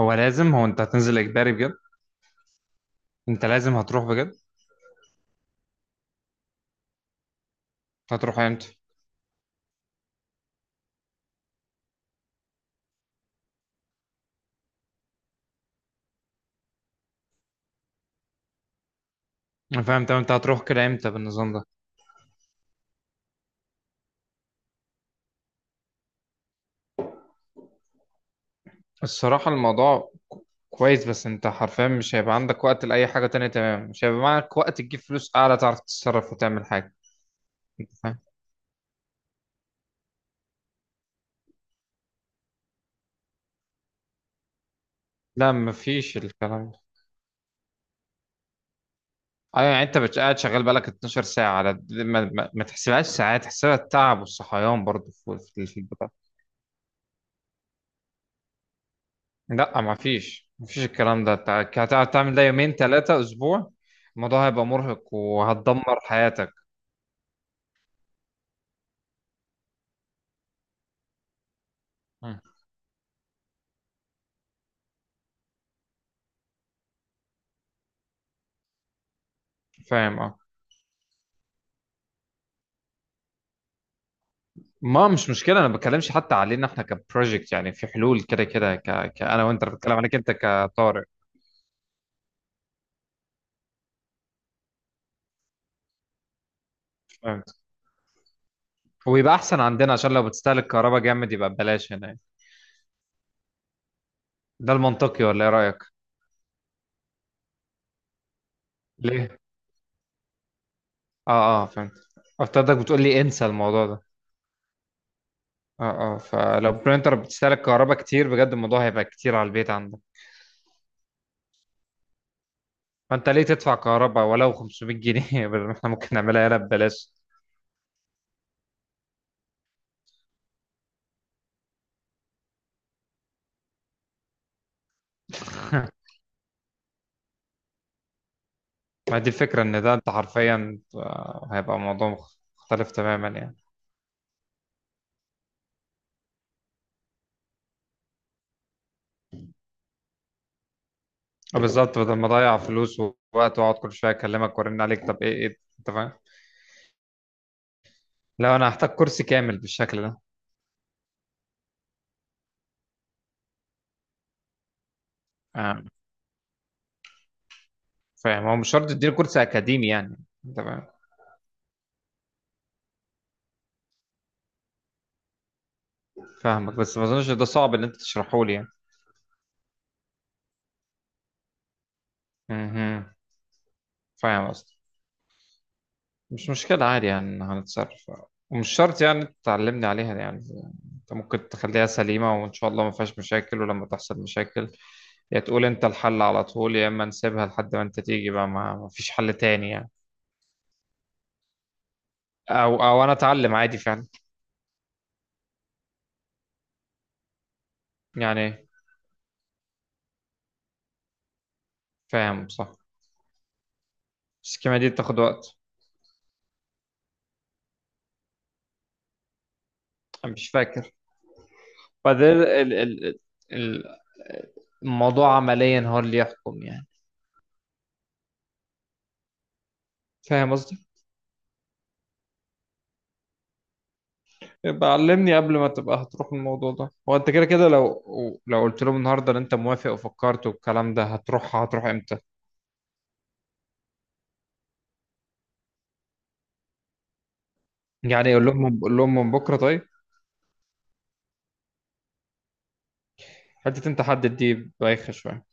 هو انت هتنزل اجباري بجد؟ انت لازم هتروح بجد؟ هتروح امتى؟ انا فاهم. طب انت هتروح كده امتى بالنظام ده؟ الصراحة الموضوع كويس، بس انت حرفيا مش هيبقى عندك وقت لأي حاجة تانية، تمام؟ مش هيبقى معاك وقت تجيب فلوس أعلى، تعرف تتصرف وتعمل حاجة. انت فاهم. لا، مفيش الكلام ده. ايوه، يعني انت قاعد شغال بقالك 12 ساعة، على ما تحسبهاش ساعات، تحسبها التعب والصحيان، برضه في البتاع. لا، ما فيش الكلام ده. انت هتقعد تعمل ده يومين ثلاثة اسبوع، الموضوع هيبقى مرهق وهتدمر حياتك. مم. فاهم، اه. ما مش مشكلة، انا ما بتكلمش حتى علينا احنا كبروجكت، يعني في حلول كده كده كأنا وانت، أنا بتكلم عليك انت كطارق. فهمت. ويبقى احسن عندنا، عشان لو بتستهلك كهرباء جامد يبقى ببلاش هنا يعني. ده المنطقي، ولا ايه رأيك؟ ليه؟ اه اه، فهمت. افترضك بتقول لي انسى الموضوع ده. اه اه، فلو برينتر بتستهلك كهرباء كتير بجد، الموضوع هيبقى كتير على البيت عندك. فانت ليه تدفع كهرباء ولو 500 جنيه بدل ما احنا ممكن نعملها هنا ببلاش. ما دي الفكرة، ان ده انت حرفيا، هيبقى موضوع مختلف تماما يعني. بالظبط، بدل ما اضيع فلوس ووقت واقعد كل شوية اكلمك وارن عليك، طب ايه ايه انت فاهم، لو انا هحتاج كرسي كامل بالشكل ده. آه، فاهم، هو مش شرط تديني كرسي اكاديمي يعني، انت فاهم. فاهمك، بس ما اظنش ده صعب ان انت تشرحه لي يعني. مهم. فاهم قصدي. مش مشكلة، عادي يعني هنتصرف. ومش شرط يعني انت تعلمني عليها يعني. انت ممكن تخليها سليمة وان شاء الله ما فيهاش مشاكل، ولما تحصل مشاكل، يا تقول انت الحل على طول، يا اما نسيبها لحد ما انت تيجي بقى، ما فيش حل تاني يعني. او انا اتعلم عادي فعلا يعني. فاهم، صح، بس الكيمياء دي بتاخد وقت. انا مش فاكر. بعدين ال الموضوع عمليا هو اللي يحكم يعني، فاهم قصدي. يبقى علمني قبل ما تبقى هتروح، الموضوع ده هو انت كده كده، لو قلت لهم النهارده ان انت موافق وفكرت والكلام ده، هتروح امتى؟ يعني قول لهم من بكره طيب. حته انت حدد دي بايخه شويه.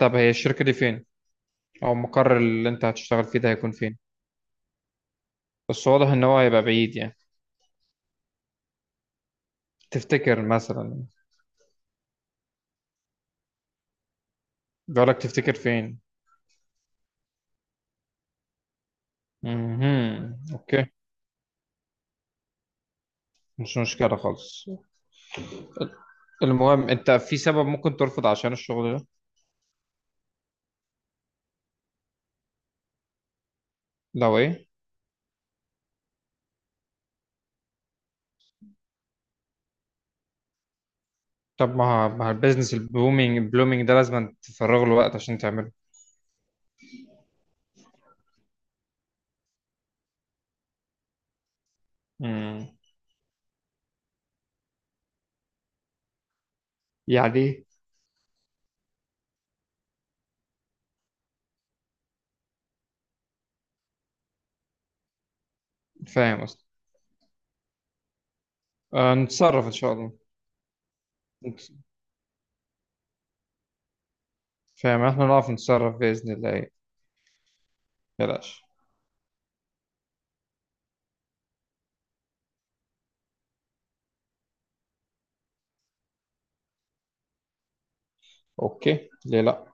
طب هي الشركه دي فين؟ او المقر اللي انت هتشتغل فيه ده هيكون فين؟ بس واضح ان هو هيبقى بعيد يعني. تفتكر مثلا، بيقول لك تفتكر فين؟ اوكي، مش مشكله خالص. المهم، انت في سبب ممكن ترفض عشان الشغل ده؟ لو ايه؟ طب ما البيزنس البلومينج ده لازم تفرغ له وقت عشان تعمله. امم يعني إيه؟ فاهم اصلا. آه، نتصرف ان شاء الله. نت- فاهم، احنا نعرف نتصرف باذن الله يعني. بلاش. اوكي، ليه لا.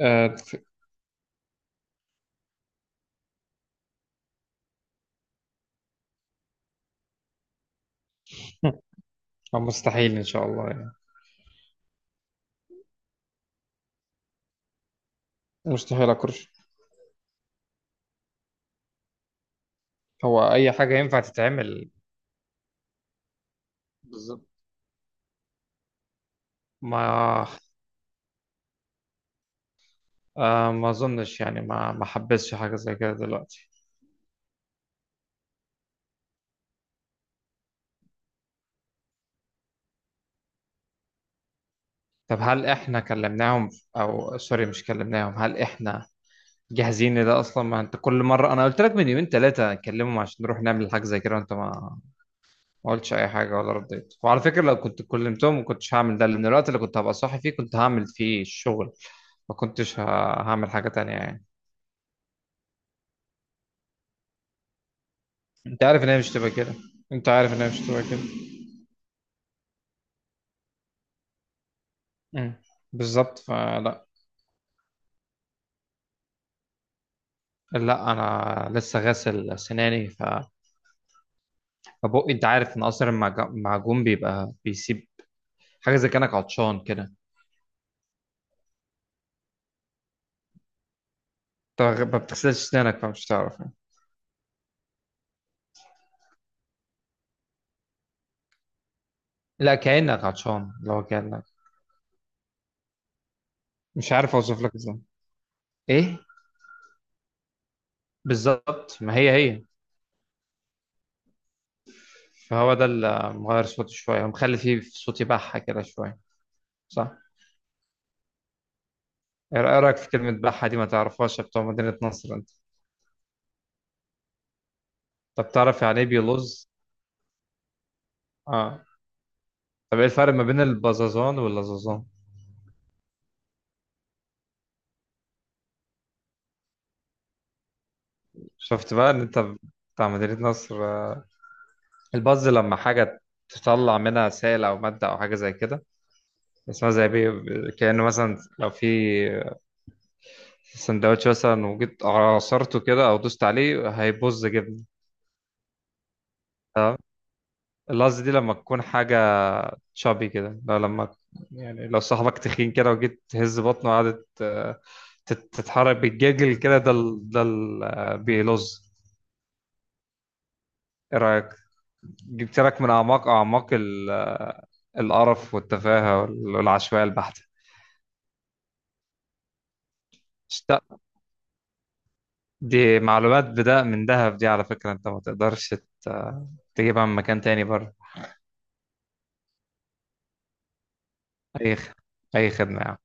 آه ف- مستحيل ان شاء الله يعني. مستحيل اكرش. هو اي حاجه ينفع تتعمل. بالظبط. ما ما اظنش يعني ما حبسش حاجه زي كده دلوقتي. طب هل احنا كلمناهم؟ او سوري، مش كلمناهم، هل احنا جاهزين ده اصلا؟ ما انت كل مره انا قلت لك من يومين ثلاثه اكلمهم عشان نروح نعمل حاجه زي كده، وانت ما قلتش اي حاجه ولا رديت. وعلى فكره، لو كنت كلمتهم، ما كنتش هعمل ده، لان الوقت اللي كنت هبقى صاحي فيه كنت هعمل فيه الشغل، ما كنتش هعمل حاجه تانية يعني. انت عارف ان هي مش تبقى كده. انت عارف ان هي مش تبقى كده. مم. بالظبط، فلا. لا، انا لسه غاسل سناني، فبقي انت عارف ان اصلا المعجون بيبقى بيسيب حاجه، زي كانك عطشان كده. انت ما بتغسلش سنانك فمش تعرف. لا، كأنك عطشان، لو كأنك، مش عارف اوصف لك ازاي. ايه، بالظبط، ما هي هي. فهو ده اللي مغير صوتي شويه، مخلي فيه في صوتي بحه كده شويه، صح. ايه رأيك في كلمه بحه دي، ما تعرفهاش يا بتوع مدينه نصر انت؟ طب تعرف يعني ايه بيلوز؟ اه. طب ايه الفرق ما بين البزازان واللزازان؟ شفت بقى ان انت بتاع مدينه نصر؟ آه. البز لما حاجه تطلع منها سائل او ماده او حاجه زي كده، اسمها زي بي. كأنه مثلا، لو في السندوتش مثلا وجيت عصرته كده او دوست عليه، هيبوظ جبنه. تمام. اللحظه دي لما تكون حاجه شابي كده، لو لما، يعني لو صاحبك تخين كده وجيت تهز بطنه وقعدت، تتحرك بالجاجل كده، ده ال- ده ال- آه، بيلظ. ايه رايك؟ جبت لك من اعماق اعماق القرف والتفاهه والعشوائيه البحته. اشت- دي معلومات بدأ من دهب دي، على فكره، انت ما تقدرش ت- تجيبها من مكان تاني بره. اي خ- اي خدمه يا عم.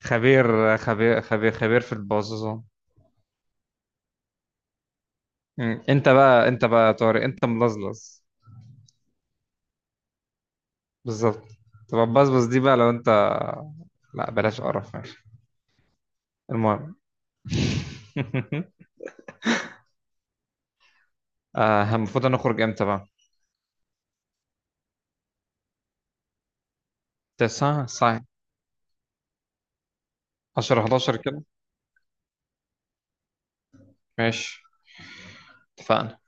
خبير خبير خبير خبير في البازوزة. مم. انت بقى يا طارق، انت ملزلز. بالظبط. تبقى بزبز دي بقى لو انت، لا بلاش قرف ماشي. المهم. المفروض نخرج امتى بقى؟ تسعة ساعة. 10 11 كده. ماشي، اتفقنا.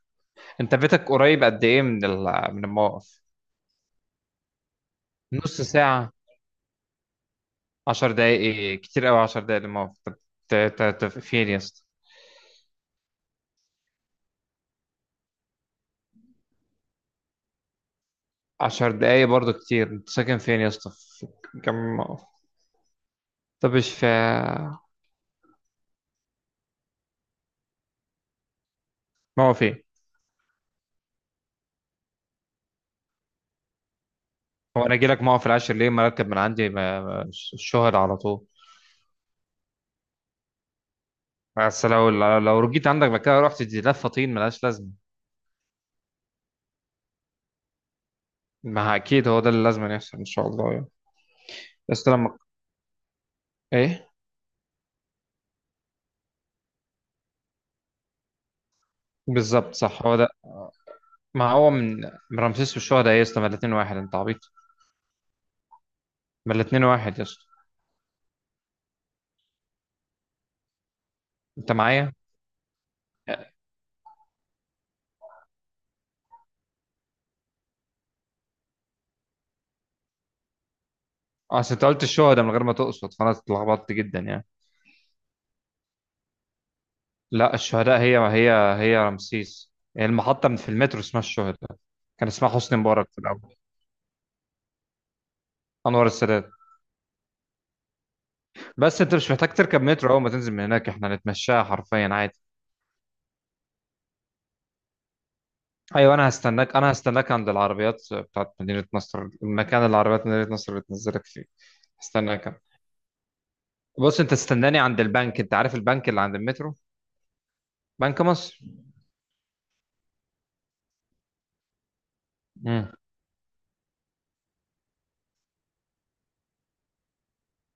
انت بيتك قريب قد ايه من من الموقف؟ نص ساعة. 10 دقايق ايه؟ كتير قوي، 10 دقايق للموقف؟ طب فين يا اسطى؟ 10 دقايق برضه كتير، انت ساكن فين يا اسطى؟ في كم؟ طب ايش في موقف ايه؟ هو انا اجي لك موقف العاشر ليه، ما اركب من عندي، الشهر على طول. بس لو رجيت عندك بعد كده، رحت دي لفه طين ملهاش لازمه. ما اكيد هو ده اللي لازم يحصل ان شاء الله يعني. بس لما ايه؟ بالظبط، صح، هو ده. ما هو من رمسيس والشهداء، إيه يا اسطى، ما الاتنين واحد، انت عبيط. ما الاتنين واحد يا اسطى. انت معايا. اصل انت قلت الشهداء من غير ما تقصد، فانا اتلخبطت جدا يعني. لا، الشهداء هي هي. هي رمسيس يعني، المحطة من في المترو اسمها الشهداء، كان اسمها حسني مبارك في الأول. أنور السادات. بس أنت مش محتاج تركب مترو، أول ما تنزل من هناك إحنا هنتمشاها حرفيا عادي. أيوة، أنا هستناك عند العربيات بتاعت مدينة نصر، المكان اللي عربيات مدينة نصر بتنزلك فيه. هستناك أنا. بص، أنت استناني عند البنك، أنت عارف البنك اللي عند المترو؟ بنك مصر. امم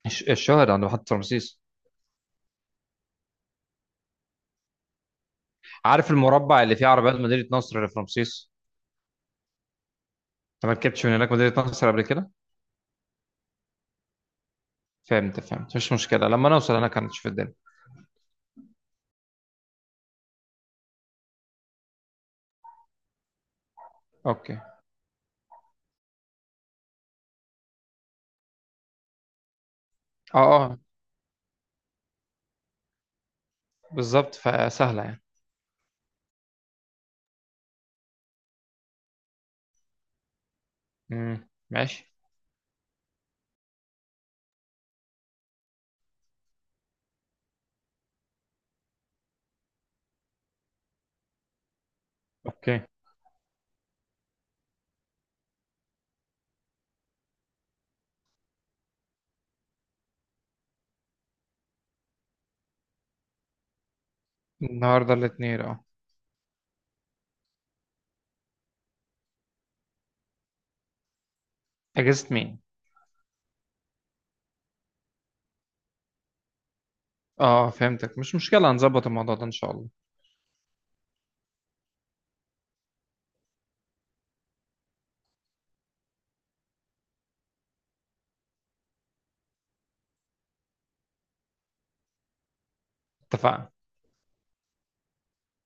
الشهداء عند محطة رمسيس. عارف المربع اللي فيه عربيات مدينة نصر اللي في رمسيس؟ أنت ما ركبتش من هناك مدينة نصر قبل كده؟ فهمت فهمت، مش مشكلة، لما نوصل هناك هنشوف الدنيا. اوكي. اه اه، بالظبط، فسهلة يعني. امم، ماشي. اوكي. النهاردة الاثنين، اه. اجازة مين؟ اه، آه. فهمتك، مش مشكلة، هنظبط الموضوع ده ان شاء الله. اتفقنا.